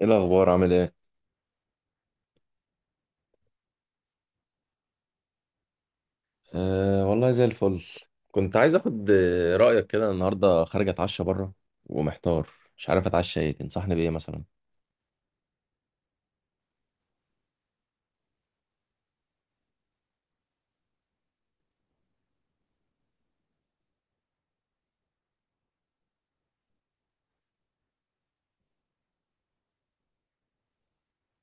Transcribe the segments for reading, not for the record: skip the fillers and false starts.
ايه الاخبار، عامل ايه؟ أه والله زي الفل. كنت عايز اخد رايك كده، النهارده خارج اتعشى بره ومحتار، مش عارف اتعشى ايه، تنصحني بايه مثلا؟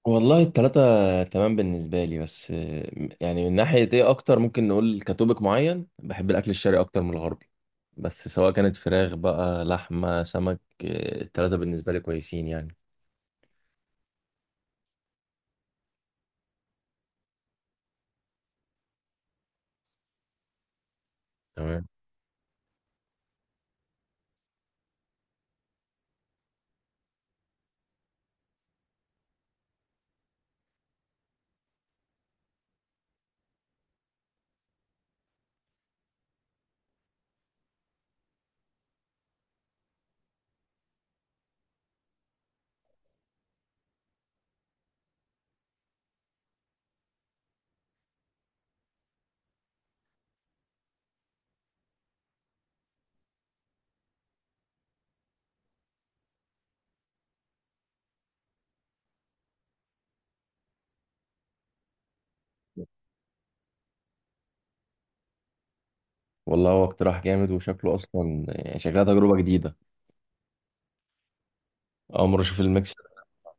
والله التلاتة تمام بالنسبة لي، بس يعني من ناحية ايه اكتر، ممكن نقول كتوبك معين بحب الاكل الشرقي اكتر من الغربي. بس سواء كانت فراخ بقى، لحمة، سمك، التلاتة بالنسبة لي كويسين يعني. تمام. والله هو اقتراح جامد، وشكله اصلا يعني شكلها تجربة جديدة، اول مرة اشوف الميكس.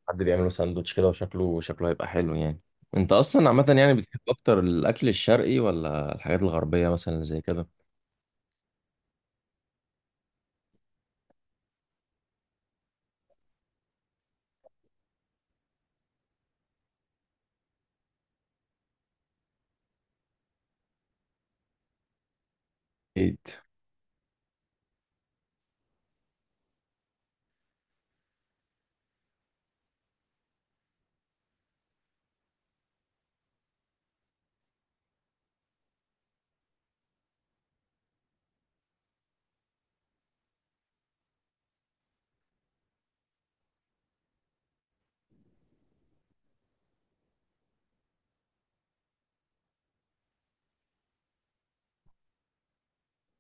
حد بيعمله ساندوتش كده، وشكله شكله هيبقى حلو يعني. انت اصلا عامه يعني بتحب اكتر الاكل الشرقي ولا الحاجات الغربيه مثلا اللي زي كده؟ اكيد.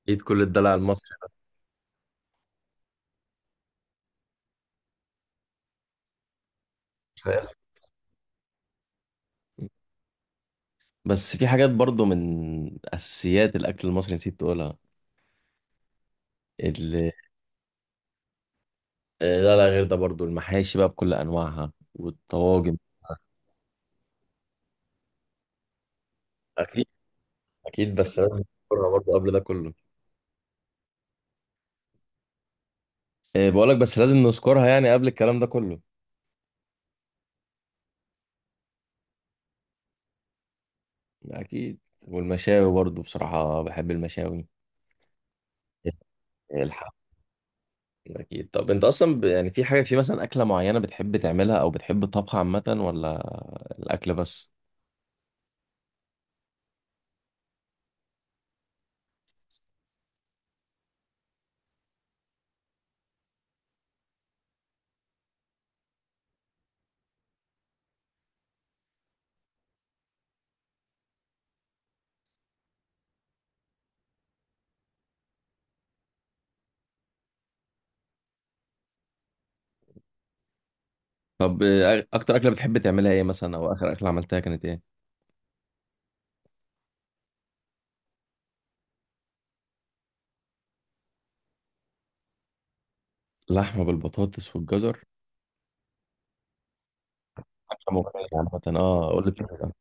اكيد كل الدلع المصري ده. مش هيخلص. بس في حاجات برضو من اساسيات الاكل المصري نسيت تقولها، اللي لا، لا، غير ده برضو المحاشي بقى بكل انواعها والطواجن. اكيد. اكيد، بس لازم نذكرها برضو قبل ده كله. بقولك بس لازم نذكرها يعني قبل الكلام ده كله. اكيد، والمشاوي برضو بصراحه بحب المشاوي. الحمام. اكيد. طب انت اصلا يعني في حاجه، في مثلا اكله معينه بتحب تعملها، او بتحب الطبخ عامه، ولا الاكل بس؟ طب اكتر اكله بتحب تعملها ايه مثلا، او اخر اكله عملتها كانت ايه؟ لحمه بالبطاطس والجزر؟ اكله مغريه عامه، اه قول لي بتعمل.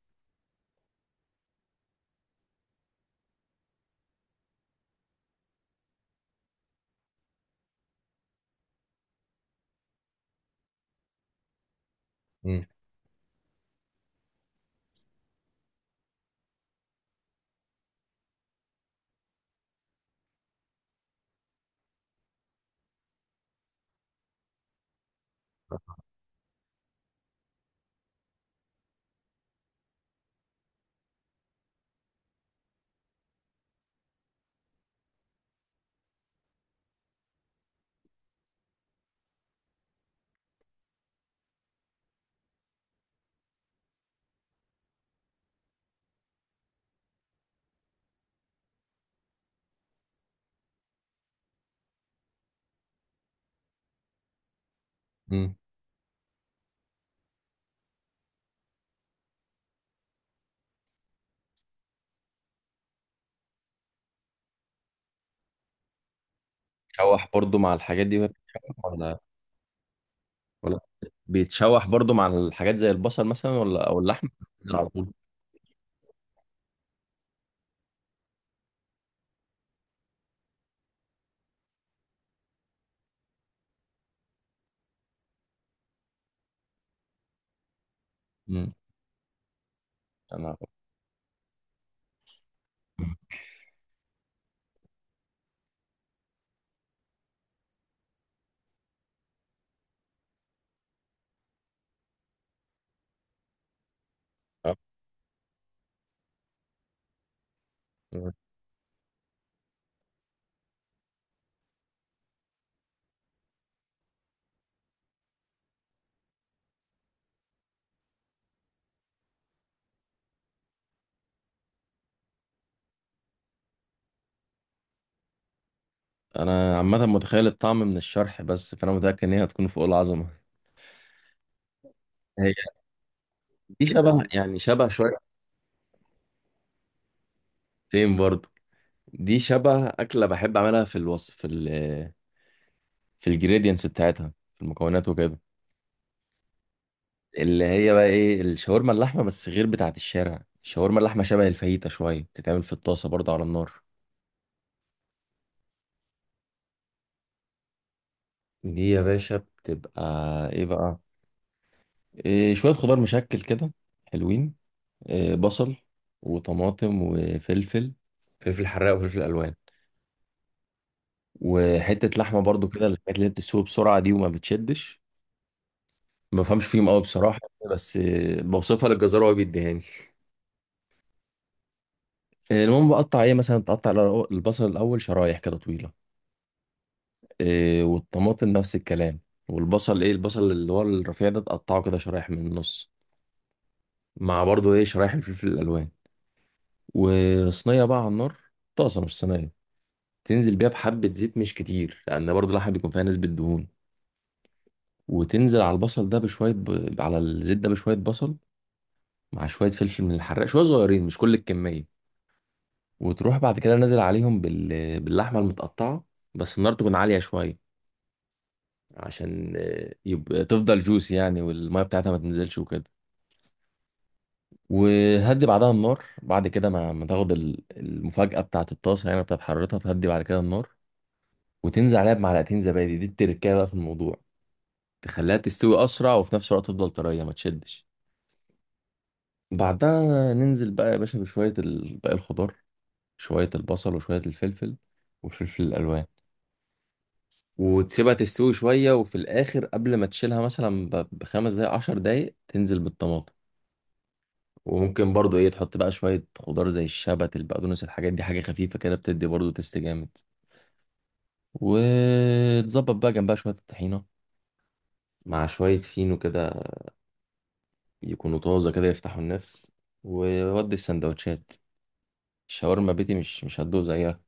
مم. مم. بتتشوح برضو مع الحاجات دي وهي بتتشوح، ولا؟ ولا بيتشوح برضو مع الحاجات زي البصل مثلا، ولا او اللحم على طول؟ مم. انا. مم. آه. مم. انا عامه متخيل الطعم من الشرح، بس فانا متاكد ان هي هتكون فوق العظمه. دي شبه يعني شبه شوية. تيم برضه. دي شبه أكلة بحب أعملها، في الوصف في الجريدينتس بتاعتها، في المكونات وكده، اللي هي بقى إيه، الشاورما اللحمة، بس غير بتاعة الشارع. الشاورما اللحمة شبه الفاهيتا شوية، بتتعمل في الطاسة برضه على النار. دي يا باشا بتبقى إيه بقى، إيه، شوية خضار مشكل كده حلوين، إيه، بصل وطماطم وفلفل، فلفل حراق وفلفل ألوان، وحتة لحمة برضو كده، الحاجات اللي بتسوي بسرعة دي وما بتشدش. ما بفهمش فيهم قوي بصراحه، بس بوصفها للجزار وهو بيديهاني. المهم بقطع ايه، مثلا تقطع البصل الاول شرايح كده طويله. والطماطم نفس الكلام. والبصل، ايه، البصل اللي هو الرفيع ده تقطعه كده شرايح من النص، مع برضه ايه شرايح الفلفل الالوان. وصينيه بقى على النار، طاسه مش صينيه، تنزل بيها بحبه زيت مش كتير لان برضه اللحمه بيكون فيها نسبه دهون. وتنزل على الزيت ده بشويه بصل، مع شويه فلفل من الحراق، شويه صغيرين مش كل الكميه. وتروح بعد كده نازل عليهم باللحمة المتقطعة. بس النار تكون عالية شوية، عشان يبقى تفضل جوس يعني، والمية بتاعتها ما تنزلش وكده. وهدي بعدها النار بعد كده، ما تاخد المفاجأة بتاعت الطاسة يعني، بتاعت حرارتها، تهدي بعد كده النار. وتنزل عليها بمعلقتين زبادي، دي التركية بقى في الموضوع، تخليها تستوي أسرع وفي نفس الوقت تفضل طرية ما تشدش. بعدها ننزل بقى يا باشا بشوية باقي الخضار، شوية البصل وشوية الفلفل والفلفل الألوان. وتسيبها تستوي شوية، وفي الآخر قبل ما تشيلها مثلا بخمس دقايق 10 دقايق، تنزل بالطماطم. وممكن برضو ايه تحط بقى شوية خضار زي الشبت، البقدونس، الحاجات دي حاجة خفيفة كده بتدي برضو تست جامد. وتظبط بقى جنبها شوية الطحينة مع شوية فينو كده، يكونوا طازة كده يفتحوا النفس. وودي في سندوتشات الشاورما بيتي، مش هتدوق زيها.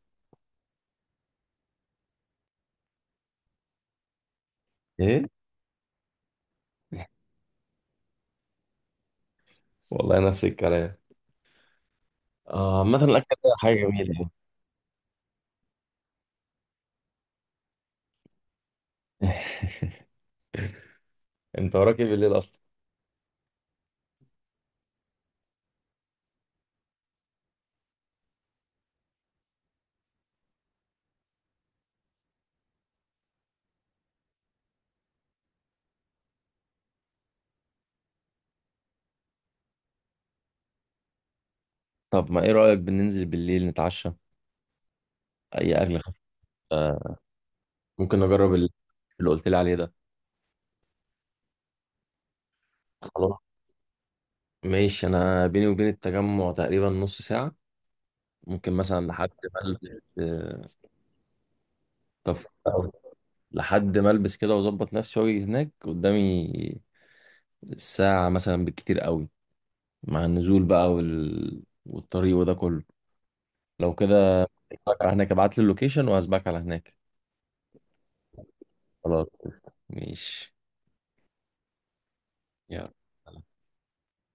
ايه؟ والله نفس الكلام. اه مثلا الاكل ده حاجة جميلة يعني. انت وراك ايه بالليل اصلا؟ طب ما ايه رأيك بننزل بالليل نتعشى اي اكل خفيف؟ آه، ممكن اجرب اللي قلت لي عليه ده. خلاص ماشي، انا بيني وبين التجمع تقريبا نص ساعه، ممكن مثلا لحد ما البس. آه، طب، أو لحد ما البس كده واظبط نفسي واجي هناك، قدامي الساعه مثلا بالكتير قوي، مع النزول بقى والطريق وده كله، لو كده. أشوفك على هناك، ابعت لي اللوكيشن وهسبقك على هناك. خلاص قشطة. ماشي. يلا.